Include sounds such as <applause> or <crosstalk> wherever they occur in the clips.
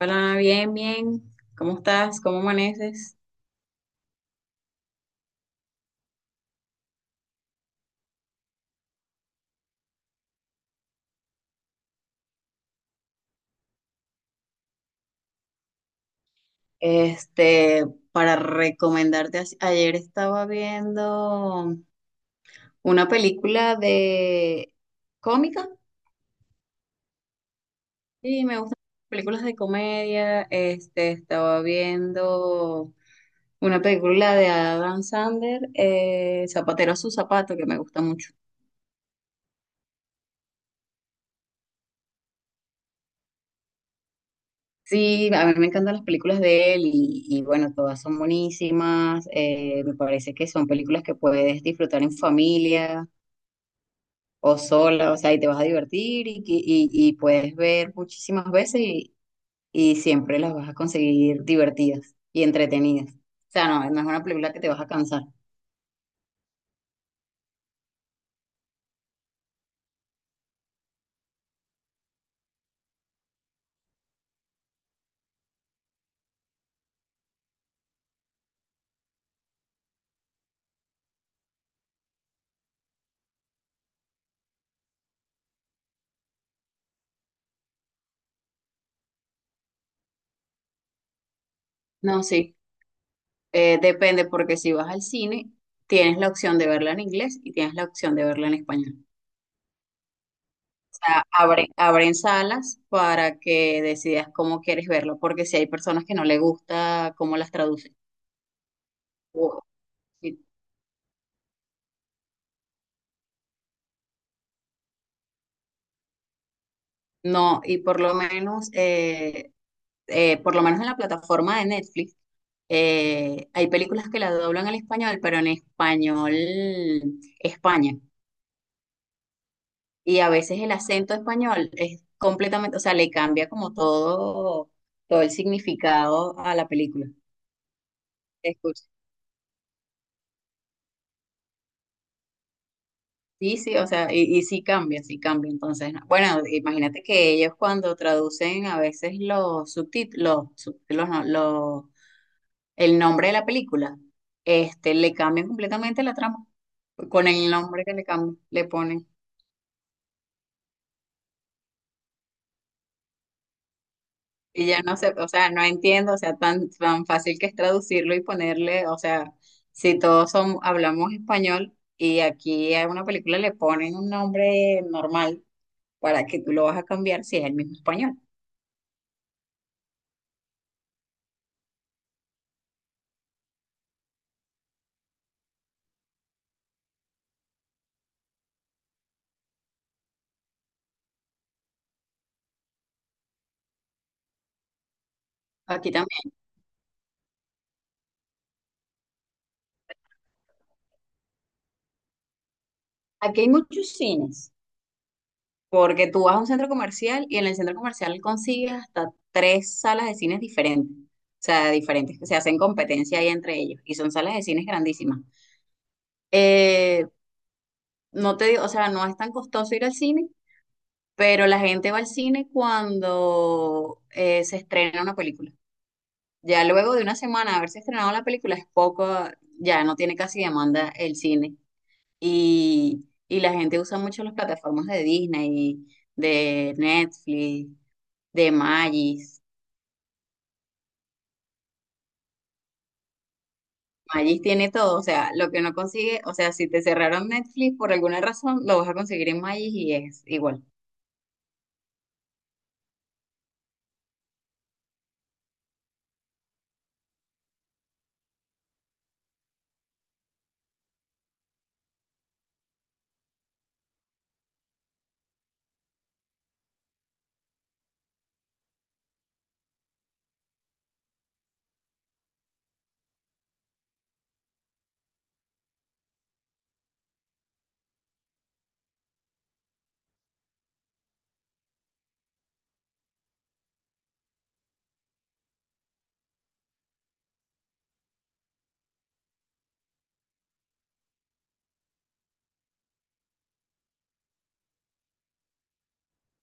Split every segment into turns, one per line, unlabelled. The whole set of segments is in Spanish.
Hola, bien, bien. ¿Cómo estás? ¿Cómo amaneces? Este, para recomendarte, ayer estaba viendo una película de cómica. Sí, me gustan las películas de comedia. Estaba viendo una película de Adam Sandler, Zapatero a su zapato, que me gusta mucho. Sí, a mí me encantan las películas de él y bueno, todas son buenísimas. Me parece que son películas que puedes disfrutar en familia o sola, o sea, y te vas a divertir y puedes ver muchísimas veces y siempre las vas a conseguir divertidas y entretenidas. O sea, no es una película que te vas a cansar. No, sí, depende porque si vas al cine, tienes la opción de verla en inglés y tienes la opción de verla en español. Sea, abren salas para que decidas cómo quieres verlo, porque si hay personas que no le gusta cómo las traducen. o- y- No, y por lo menos en la plataforma de Netflix, hay películas que las doblan al español, pero en español España. Y a veces el acento español es completamente, o sea, le cambia como todo, todo el significado a la película. Sí, sí, o sea, y sí cambia, sí cambia. Entonces, no. Bueno, imagínate que ellos cuando traducen a veces los subtítulos, subtítulos no, el nombre de la película, le cambian completamente la trama con el nombre que le cambian, le ponen. Y ya no sé, o sea, no entiendo, o sea, tan fácil que es traducirlo y ponerle, o sea, si todos son, hablamos español y aquí a una película le ponen un nombre normal para que tú lo vas a cambiar si es el mismo español. Aquí también. Aquí hay muchos cines, porque tú vas a un centro comercial y en el centro comercial consigues hasta tres salas de cines diferentes, o sea, diferentes, que se hacen competencia ahí entre ellos, y son salas de cines grandísimas. Eh, no te digo, o sea, no es tan costoso ir al cine, pero la gente va al cine cuando se estrena una película. Ya luego de una semana de haberse estrenado la película es poco, ya no tiene casi demanda el cine. Y la gente usa mucho las plataformas de Disney, de Netflix, de Magis. Magis tiene todo, o sea, lo que no consigue, o sea, si te cerraron Netflix por alguna razón, lo vas a conseguir en Magis y es igual.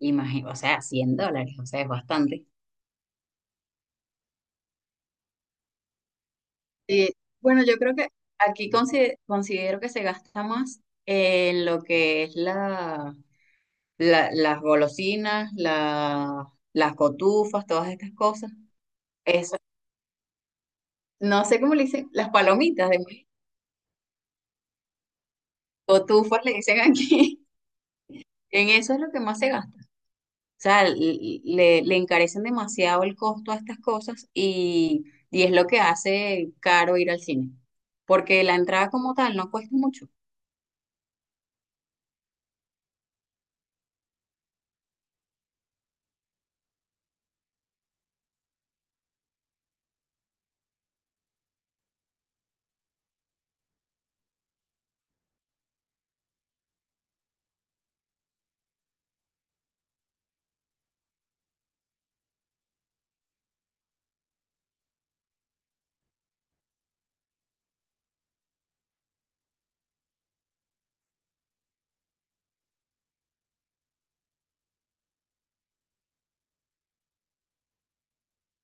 Imagino, o sea, $100, o sea, es bastante. Y bueno, yo creo que aquí considero que se gasta más en lo que es las golosinas, las cotufas, todas estas cosas. No sé cómo le dicen, las palomitas de maíz, cotufas le dicen aquí. <laughs> En eso es lo que más se gasta. O sea, le encarecen demasiado el costo a estas cosas y es lo que hace caro ir al cine. Porque la entrada como tal no cuesta mucho,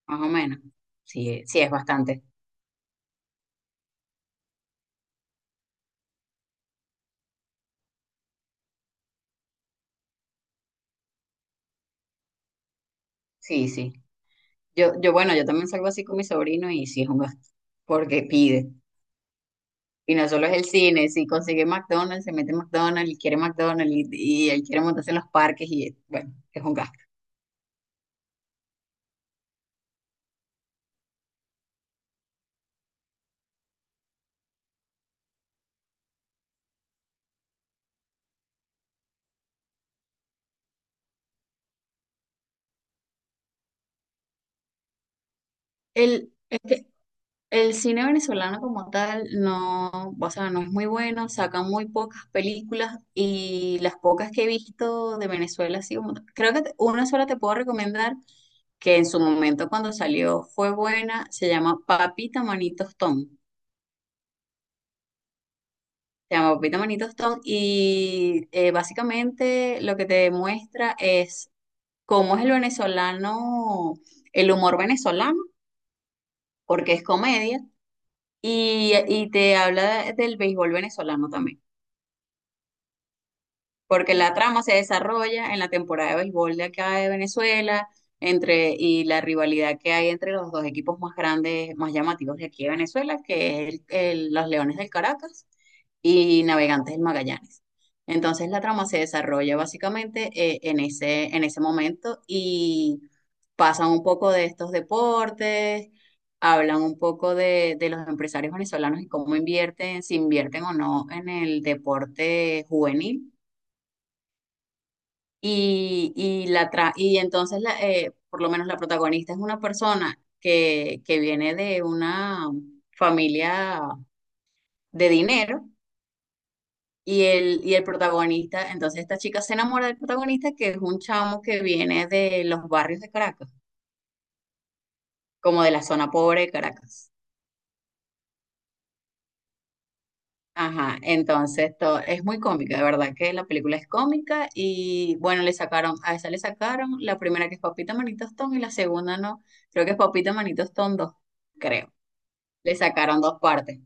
más o menos. Sí, sí es bastante. Sí, sí. Bueno, yo también salgo así con mi sobrino y sí es un gasto. Porque pide. Y no solo es el cine, si consigue McDonald's, se mete en McDonald's y quiere McDonald's y él quiere montarse en los parques y bueno, es un gasto. El, es que el cine venezolano como tal no, o sea, no es muy bueno, sacan muy pocas películas y las pocas que he visto de Venezuela, así como, creo que una sola te puedo recomendar que en su momento cuando salió fue buena, se llama Papita Manitos Tom. Se llama Papita Manitos Tom y básicamente lo que te demuestra es cómo es el venezolano, el humor venezolano, porque es comedia. Y te habla del béisbol venezolano también, porque la trama se desarrolla en la temporada de béisbol de acá de Venezuela entre, y la rivalidad que hay entre los dos equipos más grandes, más llamativos de aquí de Venezuela, que es los Leones del Caracas y Navegantes del Magallanes. Entonces la trama se desarrolla básicamente en en ese momento y pasan un poco de estos deportes, hablan un poco de los empresarios venezolanos y cómo invierten, si invierten o no en el deporte juvenil y entonces, por lo menos la protagonista es una persona que viene de una familia de dinero y el protagonista, entonces esta chica se enamora del protagonista que es un chamo que viene de los barrios de Caracas, como de la zona pobre de Caracas. Ajá, entonces es muy cómica, de verdad que la película es cómica y bueno, le sacaron, a esa le sacaron la primera que es Papita Manito Tostón y la segunda no, creo que es Papita Manito Tostón dos creo. Le sacaron dos partes.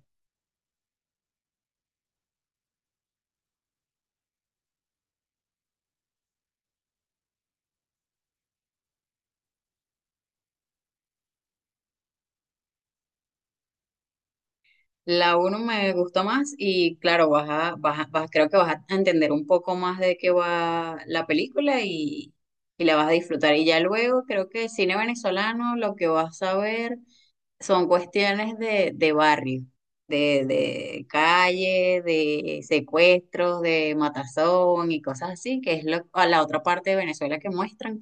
La uno me gustó más y claro, creo que vas a entender un poco más de qué va la película y la vas a disfrutar. Y ya luego creo que el cine venezolano lo que vas a ver son cuestiones de barrio, de calle, de secuestros, de matazón y cosas así, que es lo, a la otra parte de Venezuela que muestran.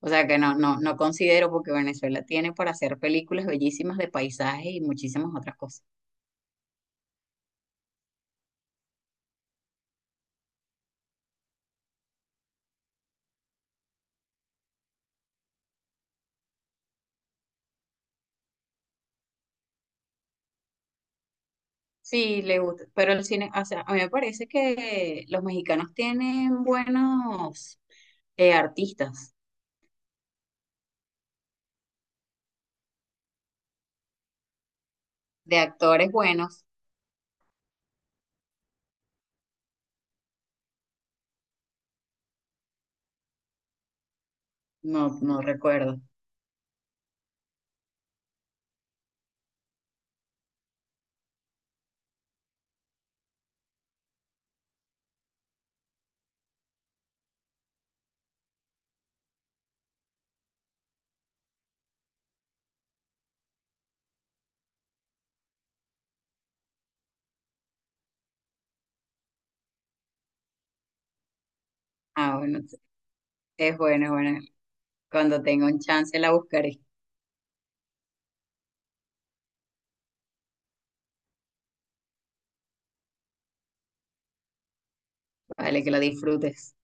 O sea que no, no considero porque Venezuela tiene para hacer películas bellísimas de paisajes y muchísimas otras cosas. Sí, le gusta, pero el cine, o sea, a mí me parece que los mexicanos tienen buenos artistas, de actores buenos, no, no recuerdo. Ah, bueno, es bueno, es bueno. Cuando tenga un chance la buscaré, vale, que la disfrutes.